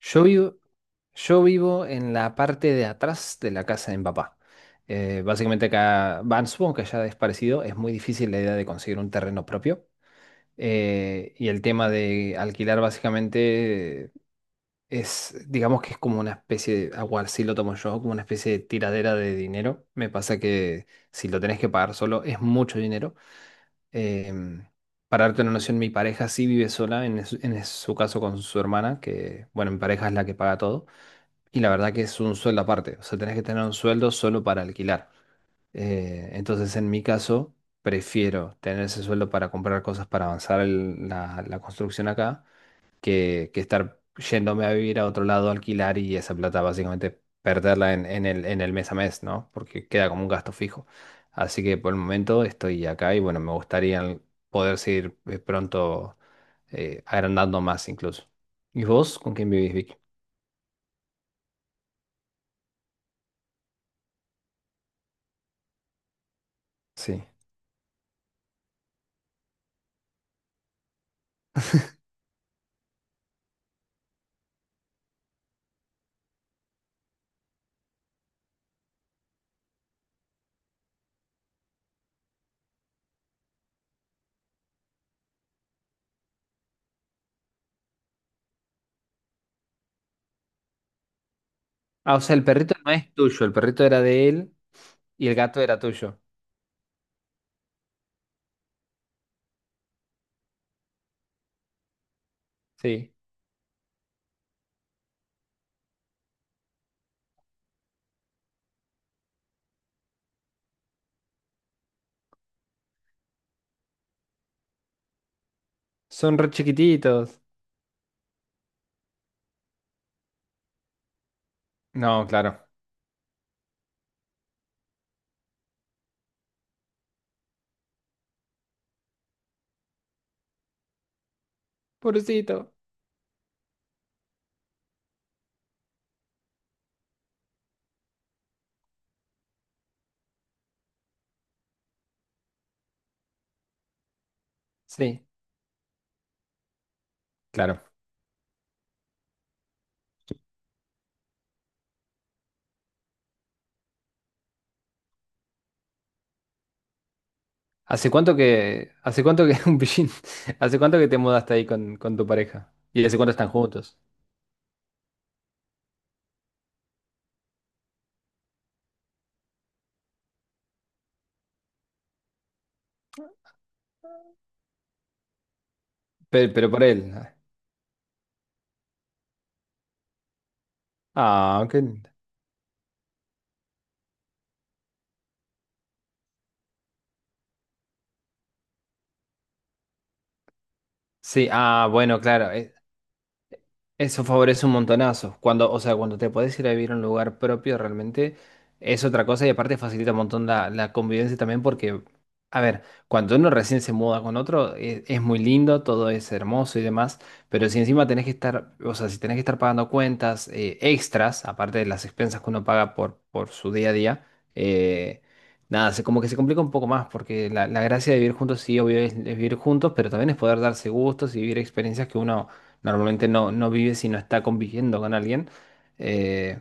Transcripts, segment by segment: Yo vivo, yo vivo en la parte de atrás de la casa de mi papá. Básicamente acá, van, supongo que allá es parecido, es muy difícil la idea de conseguir un terreno propio. Y el tema de alquilar básicamente es, digamos que es como una especie de, agua, así lo tomo yo, como una especie de tiradera de dinero. Me pasa que si lo tenés que pagar solo es mucho dinero. Em, para darte una noción, mi pareja sí vive sola, en su caso con su hermana, que bueno, mi pareja es la que paga todo. Y la verdad que es un sueldo aparte, o sea, tenés que tener un sueldo solo para alquilar. Entonces, en mi caso, prefiero tener ese sueldo para comprar cosas para avanzar la construcción acá, que estar yéndome a vivir a otro lado, a alquilar y esa plata básicamente perderla en el mes a mes, ¿no? Porque queda como un gasto fijo. Así que por el momento estoy acá y bueno, me gustaría poder seguir pronto agrandando más incluso. ¿Y vos con quién vivís, Vicky? Sí. Ah, o sea, el perrito no es tuyo, el perrito era de él y el gato era tuyo. Sí. Son re chiquititos. No, claro. Pobrecito. Sí, claro. ¿Hace cuánto que un pillín, hace cuánto que te mudaste ahí con tu pareja? ¿Y hace cuánto están juntos? Pero por él. Ah, qué lindo. Sí, ah, bueno, claro. Eso favorece un montonazo. Cuando, o sea, cuando te podés ir a vivir a un lugar propio, realmente es otra cosa y aparte facilita un montón la convivencia también porque, a ver, cuando uno recién se muda con otro, es muy lindo, todo es hermoso y demás, pero si encima tenés que estar, o sea, si tenés que estar pagando cuentas extras, aparte de las expensas que uno paga por su día a día, eh, nada, se, como que se complica un poco más porque la gracia de vivir juntos, sí, obvio, es vivir juntos, pero también es poder darse gustos y vivir experiencias que uno normalmente no vive si no está conviviendo con alguien. Eh,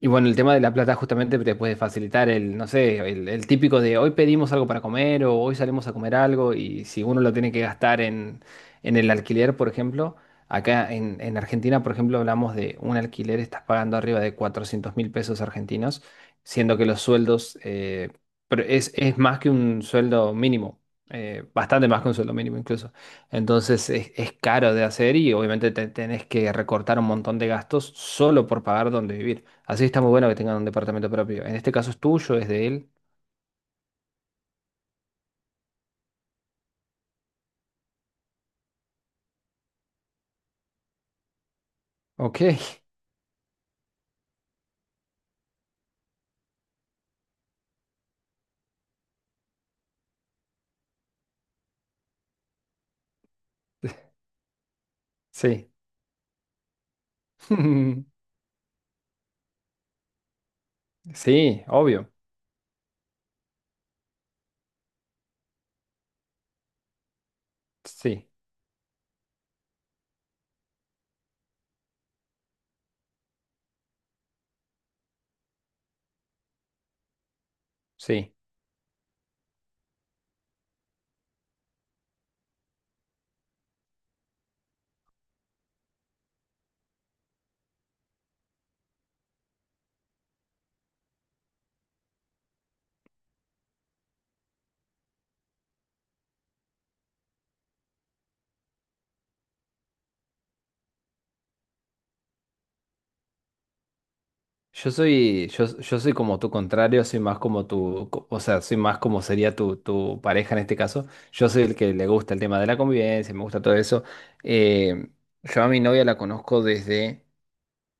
y bueno, el tema de la plata justamente te puede facilitar el, no sé, el típico de hoy pedimos algo para comer o hoy salimos a comer algo y si uno lo tiene que gastar en el alquiler, por ejemplo, acá en Argentina, por ejemplo, hablamos de un alquiler, estás pagando arriba de 400.000 pesos argentinos, siendo que los sueldos, pero es más que un sueldo mínimo, bastante más que un sueldo mínimo incluso. Entonces es caro de hacer y obviamente te tenés que recortar un montón de gastos solo por pagar donde vivir. Así está muy bueno que tengan un departamento propio. En este caso es tuyo, es de él. Ok, sí. Sí, obvio. Sí, sí. Yo soy como tu contrario, soy más como tu, o sea, soy más como sería tu, tu pareja en este caso. Yo soy el que le gusta el tema de la convivencia, me gusta todo eso. Eh, yo a mi novia la conozco desde,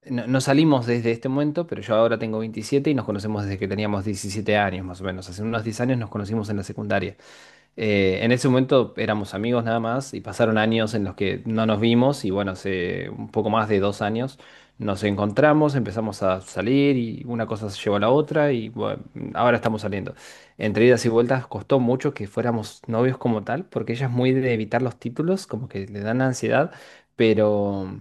no salimos desde este momento, pero yo ahora tengo 27 y nos conocemos desde que teníamos 17 años más o menos. Hace unos 10 años nos conocimos en la secundaria. En ese momento éramos amigos nada más y pasaron años en los que no nos vimos y bueno, hace un poco más de dos años nos encontramos, empezamos a salir y una cosa se llevó a la otra y bueno, ahora estamos saliendo. Entre idas y vueltas costó mucho que fuéramos novios como tal, porque ella es muy de evitar los títulos, como que le dan ansiedad, pero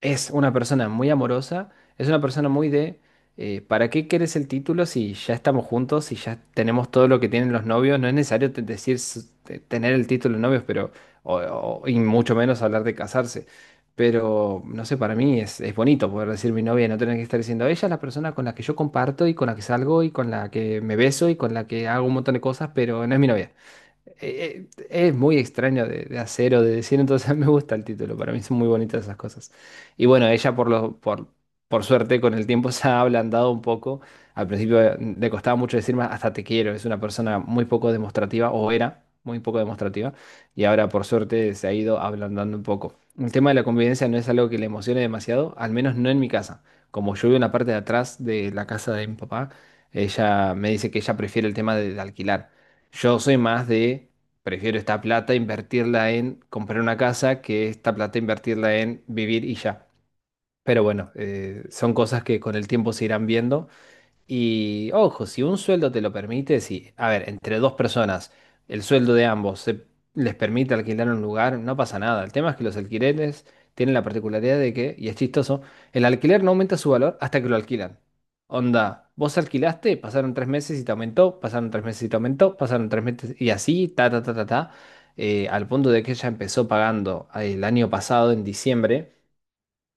es una persona muy amorosa, es una persona muy de ¿para qué quieres el título si ya estamos juntos, si ya tenemos todo lo que tienen los novios? No es necesario decir tener el título de novios, pero, y mucho menos hablar de casarse. Pero, no sé, para mí es bonito poder decir mi novia y no tener que estar diciendo, ella es la persona con la que yo comparto y con la que salgo y con la que me beso y con la que hago un montón de cosas, pero no es mi novia es muy extraño de hacer o de decir, entonces me gusta el título, para mí son muy bonitas esas cosas. Y bueno, ella por lo, por suerte con el tiempo se ha ablandado un poco. Al principio le costaba mucho decirme hasta te quiero, es una persona muy poco demostrativa, o era muy poco demostrativa, y ahora por suerte se ha ido ablandando un poco. El tema de la convivencia no es algo que le emocione demasiado, al menos no en mi casa. Como yo vivo en la parte de atrás de la casa de mi papá, ella me dice que ella prefiere el tema de alquilar. Yo soy más de, prefiero esta plata invertirla en comprar una casa que esta plata invertirla en vivir y ya. Pero bueno, son cosas que con el tiempo se irán viendo. Y ojo, si un sueldo te lo permite, si, a ver, entre dos personas, el sueldo de ambos se, les permite alquilar un lugar, no pasa nada. El tema es que los alquileres tienen la particularidad de que, y es chistoso, el alquiler no aumenta su valor hasta que lo alquilan. Onda, vos alquilaste, pasaron tres meses y te aumentó, pasaron tres meses y te aumentó, pasaron tres meses y así, ta, ta, ta, ta, ta, al punto de que ella empezó pagando el año pasado, en diciembre.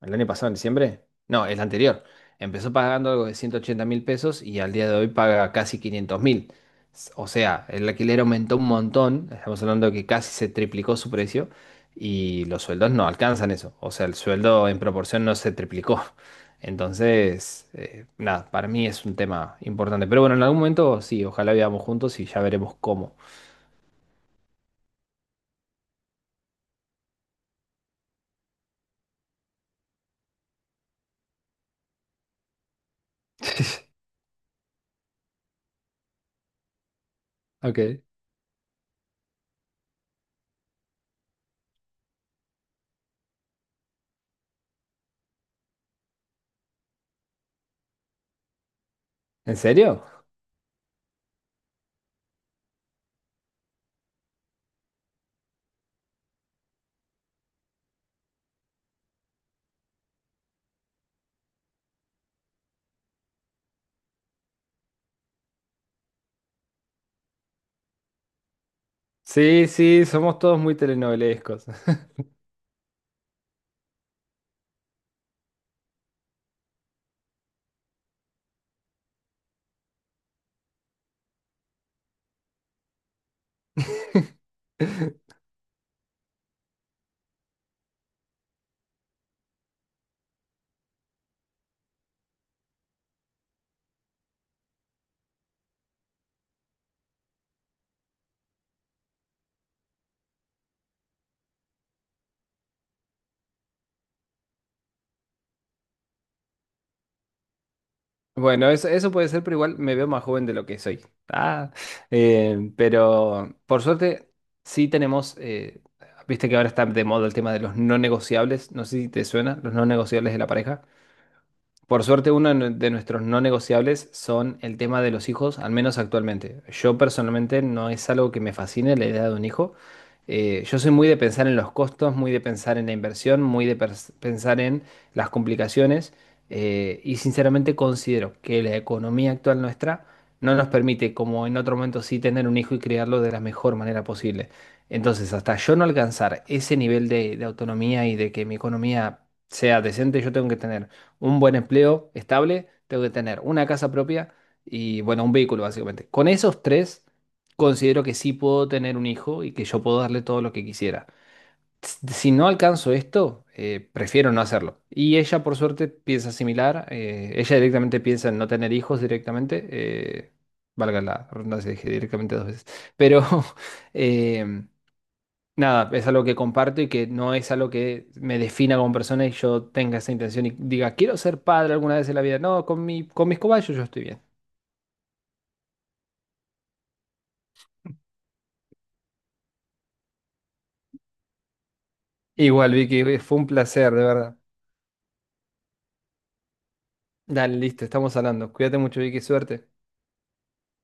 ¿El año pasado, en diciembre? No, el anterior. Empezó pagando algo de 180.000 pesos y al día de hoy paga casi 500.000. O sea, el alquiler aumentó un montón. Estamos hablando de que casi se triplicó su precio y los sueldos no alcanzan eso. O sea, el sueldo en proporción no se triplicó. Entonces, nada, para mí es un tema importante. Pero bueno, en algún momento sí, ojalá vivamos juntos y ya veremos cómo. Ok. ¿En serio? Sí, sí, somos todos muy telenovelescos. Bueno, eso puede ser, pero igual me veo más joven de lo que soy. Ah, pero por suerte sí tenemos, viste que ahora está de moda el tema de los no negociables, no sé si te suena, los no negociables de la pareja. Por suerte, uno de nuestros no negociables son el tema de los hijos, al menos actualmente. Yo personalmente no es algo que me fascine la idea de un hijo. Yo soy muy de pensar en los costos, muy de pensar en la inversión, muy de pensar en las complicaciones y sinceramente considero que la economía actual nuestra no nos permite, como en otro momento sí, tener un hijo y criarlo de la mejor manera posible. Entonces, hasta yo no alcanzar ese nivel de autonomía y de que mi economía sea decente, yo tengo que tener un buen empleo estable, tengo que tener una casa propia y, bueno, un vehículo, básicamente. Con esos tres, considero que sí puedo tener un hijo y que yo puedo darle todo lo que quisiera. Si no alcanzo esto, prefiero no hacerlo. Y ella, por suerte, piensa similar. Ella directamente piensa en no tener hijos directamente. Valga la redundancia, dije directamente dos veces. Pero em, nada, es algo que comparto y que no es algo que me defina como persona y yo tenga esa intención y diga, quiero ser padre alguna vez en la vida. No, con mi, con mis cobayos yo estoy bien. Igual, Vicky, fue un placer, de verdad. Dale, listo, estamos hablando. Cuídate mucho, Vicky, suerte.